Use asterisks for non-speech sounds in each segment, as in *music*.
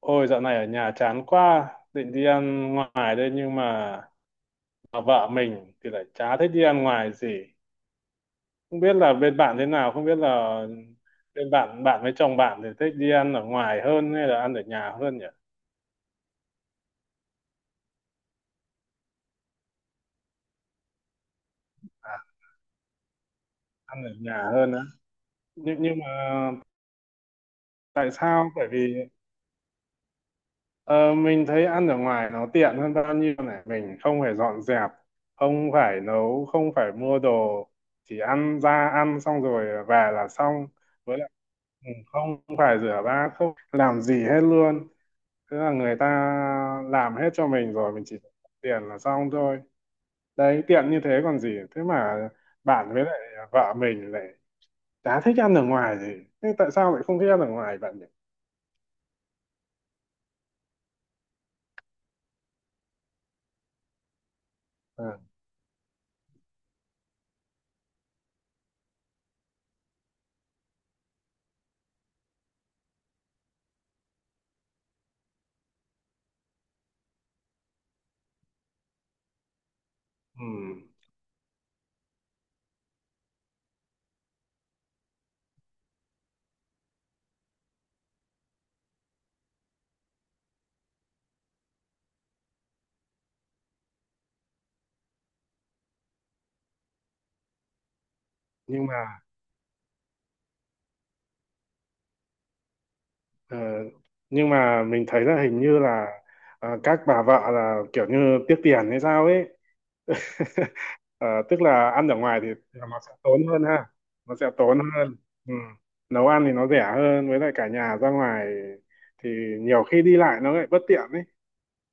Ôi dạo này ở nhà chán quá, định đi ăn ngoài đây nhưng mà vợ mình thì lại chả thích đi ăn ngoài gì. Không biết là bên bạn thế nào, không biết là bên bạn bạn với chồng bạn thì thích đi ăn ở ngoài hơn hay là ăn ở nhà hơn nhỉ? À, ăn ở nhà hơn á. Nhưng mà tại sao? Bởi vì ờ, mình thấy ăn ở ngoài nó tiện hơn bao nhiêu này, mình không phải dọn dẹp, không phải nấu, không phải mua đồ, chỉ ăn ra ăn xong rồi về là xong với. Ừ, không phải rửa bát không làm gì hết luôn, tức là người ta làm hết cho mình rồi mình chỉ tiền là xong thôi, đấy tiện như thế còn gì. Thế mà bạn với lại vợ mình lại chả thích ăn ở ngoài gì. Thế tại sao lại không thích ăn ở ngoài bạn nhỉ? À, ừ. Nhưng mà ờ, nhưng mà mình thấy là hình như là các bà vợ là kiểu như tiếc tiền hay sao ấy. *laughs* Ờ, tức là ăn ở ngoài thì nó sẽ tốn hơn ha, nó sẽ tốn hơn, ừ. Nấu ăn thì nó rẻ hơn, với lại cả nhà ra ngoài thì nhiều khi đi lại nó lại bất tiện ấy,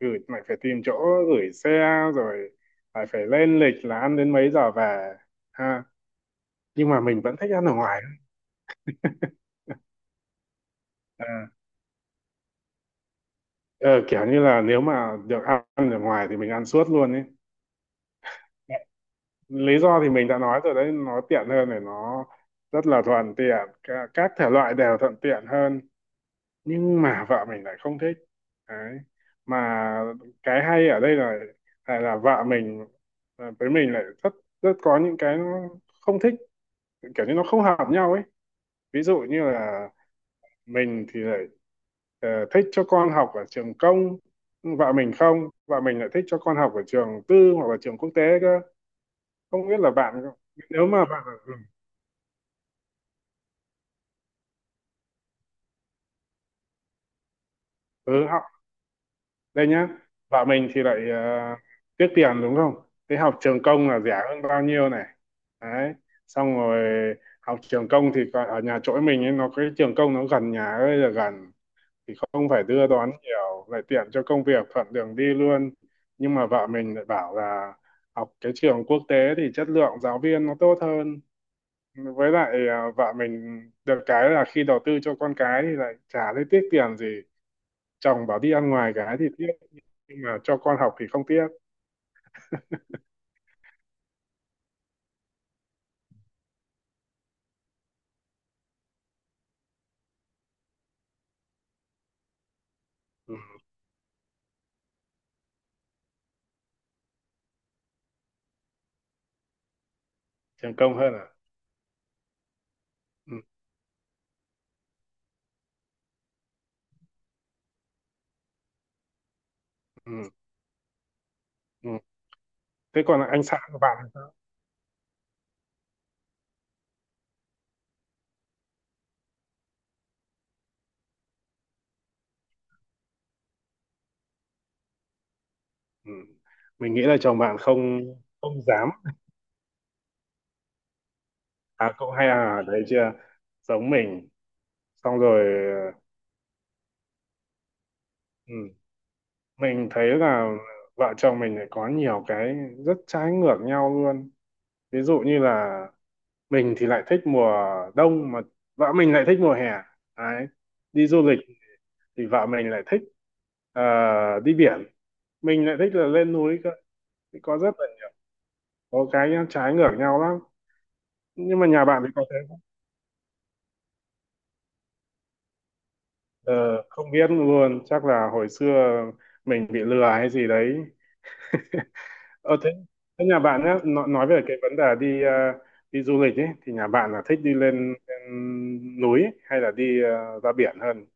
gửi lại phải tìm chỗ gửi xe, rồi lại phải lên lịch là ăn đến mấy giờ về, ha. Nhưng mà mình vẫn thích ăn ở ngoài. À, ờ, kiểu như là nếu mà được ăn ăn ở ngoài thì mình ăn suốt luôn ấy. Lý do thì mình đã nói rồi đấy, nó tiện hơn này, nó rất là thuận tiện. Cả- các thể loại đều thuận tiện hơn, nhưng mà vợ mình lại không thích, đấy. Mà cái hay ở đây là là vợ mình, à, với mình lại rất rất có những cái nó không thích, kiểu như nó không hợp nhau ấy. Ví dụ như là mình thì lại thích cho con học ở trường công, vợ mình không vợ mình lại thích cho con học ở trường tư hoặc là trường quốc tế cơ. Không biết là bạn, nếu mà bạn, ừ, ừ, họ. Đây nhá, vợ mình thì lại uh, tiếc tiền đúng không, thế học trường công là rẻ hơn bao nhiêu này, đấy, xong rồi. Học trường công thì còn ở nhà chỗ mình ấy, nó cái trường công nó gần nhà ấy, là gần thì không phải đưa đón nhiều, lại tiện cho công việc, thuận đường đi luôn. Nhưng mà vợ mình lại bảo là học cái trường quốc tế thì chất lượng giáo viên nó tốt hơn, với lại à, vợ mình được cái là khi đầu tư cho con cái thì lại chả thấy tiếc tiền gì. Chồng bảo đi ăn ngoài cái thì tiếc, nhưng mà cho con học thì không tiếc. Ừ, thành công hơn à. Ừ, ừ, ừ. Thế còn anh xã của bạn thì sao? Ừ. Mình nghĩ là chồng bạn không, không dám à, cậu hay à đấy, chưa, giống mình. Xong rồi, ừ. Mình thấy là vợ chồng mình lại có nhiều cái rất trái ngược nhau luôn. Ví dụ như là mình thì lại thích mùa đông, mà vợ mình lại thích mùa hè, đấy. Đi du lịch thì vợ mình lại thích ờ, đi biển, mình lại thích là lên núi cơ. Thì có rất là, có cái nhá, trái ngược nhau lắm. Nhưng mà nhà bạn thì có thế không? Ờ, không biết luôn, chắc là hồi xưa mình bị lừa hay gì đấy. *laughs* Ờ thế, thế nhà bạn nhá, nói về cái vấn đề đi đi du lịch ấy thì nhà bạn là thích đi lên, lên núi ấy, hay là đi ra biển hơn?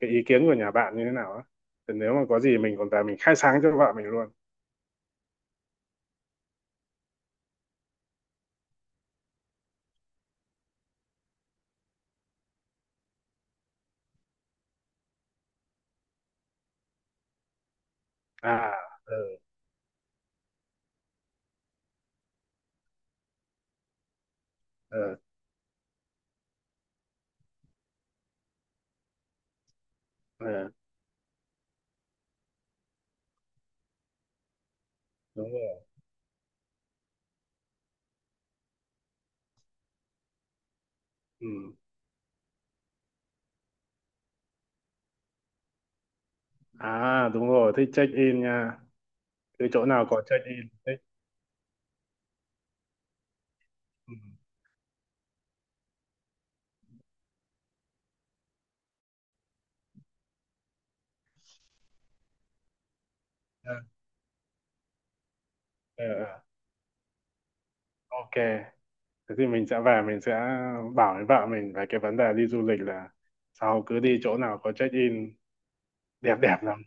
Cái ý kiến của nhà bạn như thế nào á, thì nếu mà có gì mình còn tài mình khai sáng cho vợ mình luôn. À, ờ, ờ, ờ, đúng rồi, ừ. À đúng rồi, thích check in nha, cứ chỗ nào có check in thích, ừ. Ờ, ờ, ờ. Ok, thế thì mình sẽ về mình sẽ bảo với vợ mình về cái vấn đề đi du lịch là sau cứ đi chỗ nào có check in đẹp, đẹp lắm.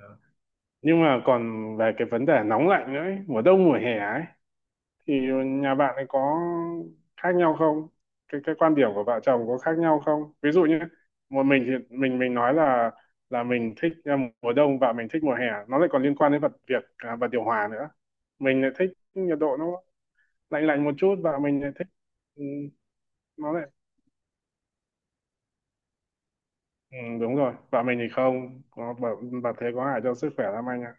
Ờ. Nhưng mà còn về cái vấn đề nóng lạnh nữa ấy, mùa đông mùa hè ấy, thì nhà bạn ấy có khác nhau không, cái cái quan điểm của vợ chồng có khác nhau không? Ví dụ như một mình thì mình nói là mình thích à, mùa đông và mình thích mùa hè, nó lại còn liên quan đến vật việc à, và điều hòa nữa. Mình lại thích nhiệt độ nó lạnh lạnh một chút và mình lại thích, ừ, nó lại, ừ, đúng rồi. Vợ mình thì không có vợ thế có hại cho sức khỏe lắm anh ạ,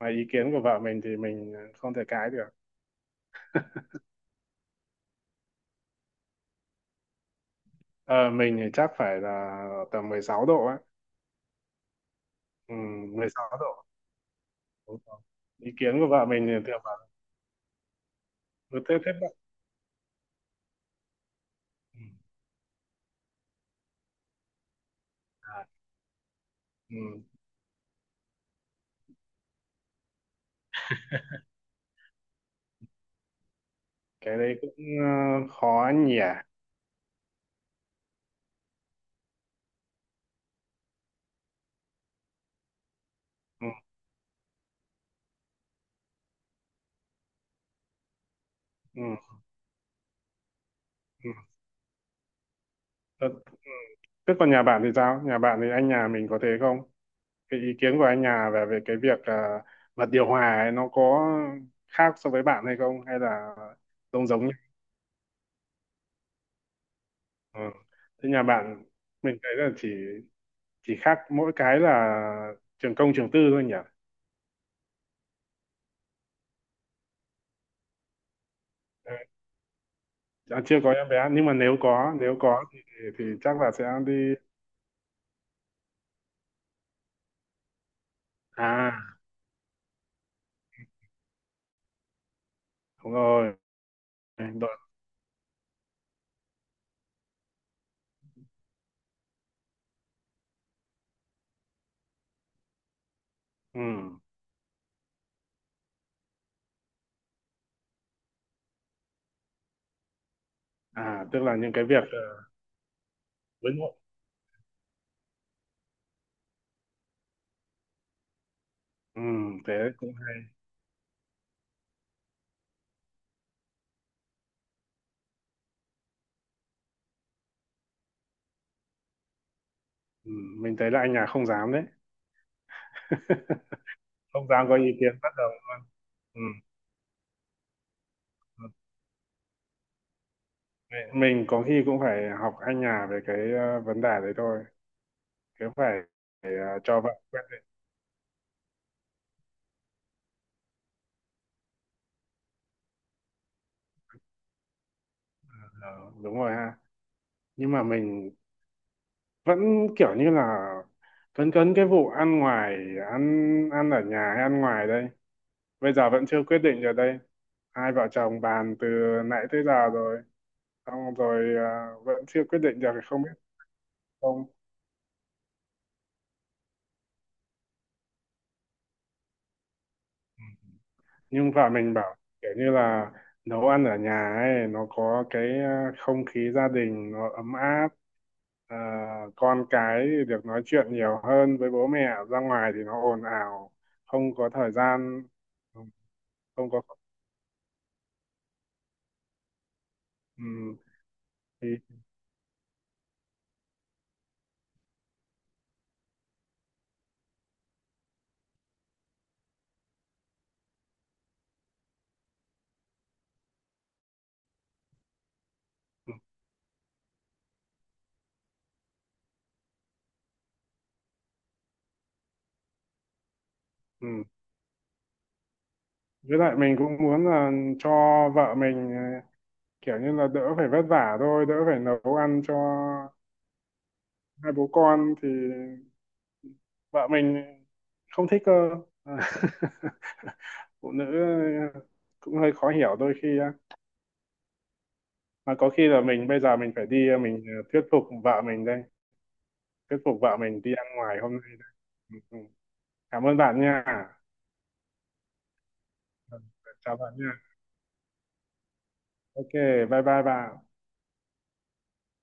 mà ý kiến của vợ mình thì mình không thể cãi được. Ờ, mình thì chắc phải là tầm 16 độ á. Ừ, 16 độ. Đúng rồi. Ý kiến của vợ mình thì theo bà, cứ thế thế bạn, ừ. À, ừ. Cái đấy cũng khó nhỉ. Ừ. Ừ. Ừ. Ờ, thế còn nhà bạn thì sao, nhà bạn thì anh nhà mình có thế không, cái ý kiến của anh nhà về về cái việc bật điều hòa ấy, nó có khác so với bạn hay không, hay là giống, giống nhau, ừ. Thế nhà bạn, mình thấy là chỉ khác mỗi cái là trường công trường tư thôi nhỉ. Ừ, à, chưa có em bé nhưng mà nếu có, nếu có thì chắc là sẽ đi. À, đúng rồi. Đội, ừ. À, tức là những cái việc với nội. Ừ, thế cũng hay. Ừ, mình thấy là anh nhà không dám đấy. *laughs* Không dám có ý kiến bất đồng luôn. Ừ. Ừ. Mình có khi cũng phải học anh nhà về cái vấn đề đấy thôi. Cứ phải cho vợ quyết định. Ờ, đúng rồi ha. Nhưng mà mình vẫn kiểu như là cấn, cấn cái vụ ăn ngoài, ăn ăn ở nhà hay ăn ngoài đây, bây giờ vẫn chưa quyết định được đây, hai vợ chồng bàn từ nãy tới giờ rồi, xong rồi à, vẫn chưa quyết định được, không biết. Không, nhưng vợ mình bảo kiểu như là nấu ăn ở nhà ấy nó có cái à, không khí gia đình nó ấm áp, à, con cái thì được nói chuyện nhiều hơn với bố mẹ, ra ngoài thì nó ồn ào, không có thời gian. Không có, ừ, thì, ừ. Với lại mình cũng muốn là cho vợ mình kiểu như là đỡ phải vất vả thôi, đỡ phải nấu ăn cho hai bố con thì vợ mình không thích cơ. *laughs* Phụ nữ ờ, cũng hơi khó hiểu đôi khi á, mà có khi là bây giờ mình phải đi mình thuyết phục vợ mình đây, thuyết phục vợ mình đi ăn ngoài hôm nay đây. Ừ, ừ. Cảm ơn bạn nha. Ừ, chào bạn nha, ok, bye bye bạn.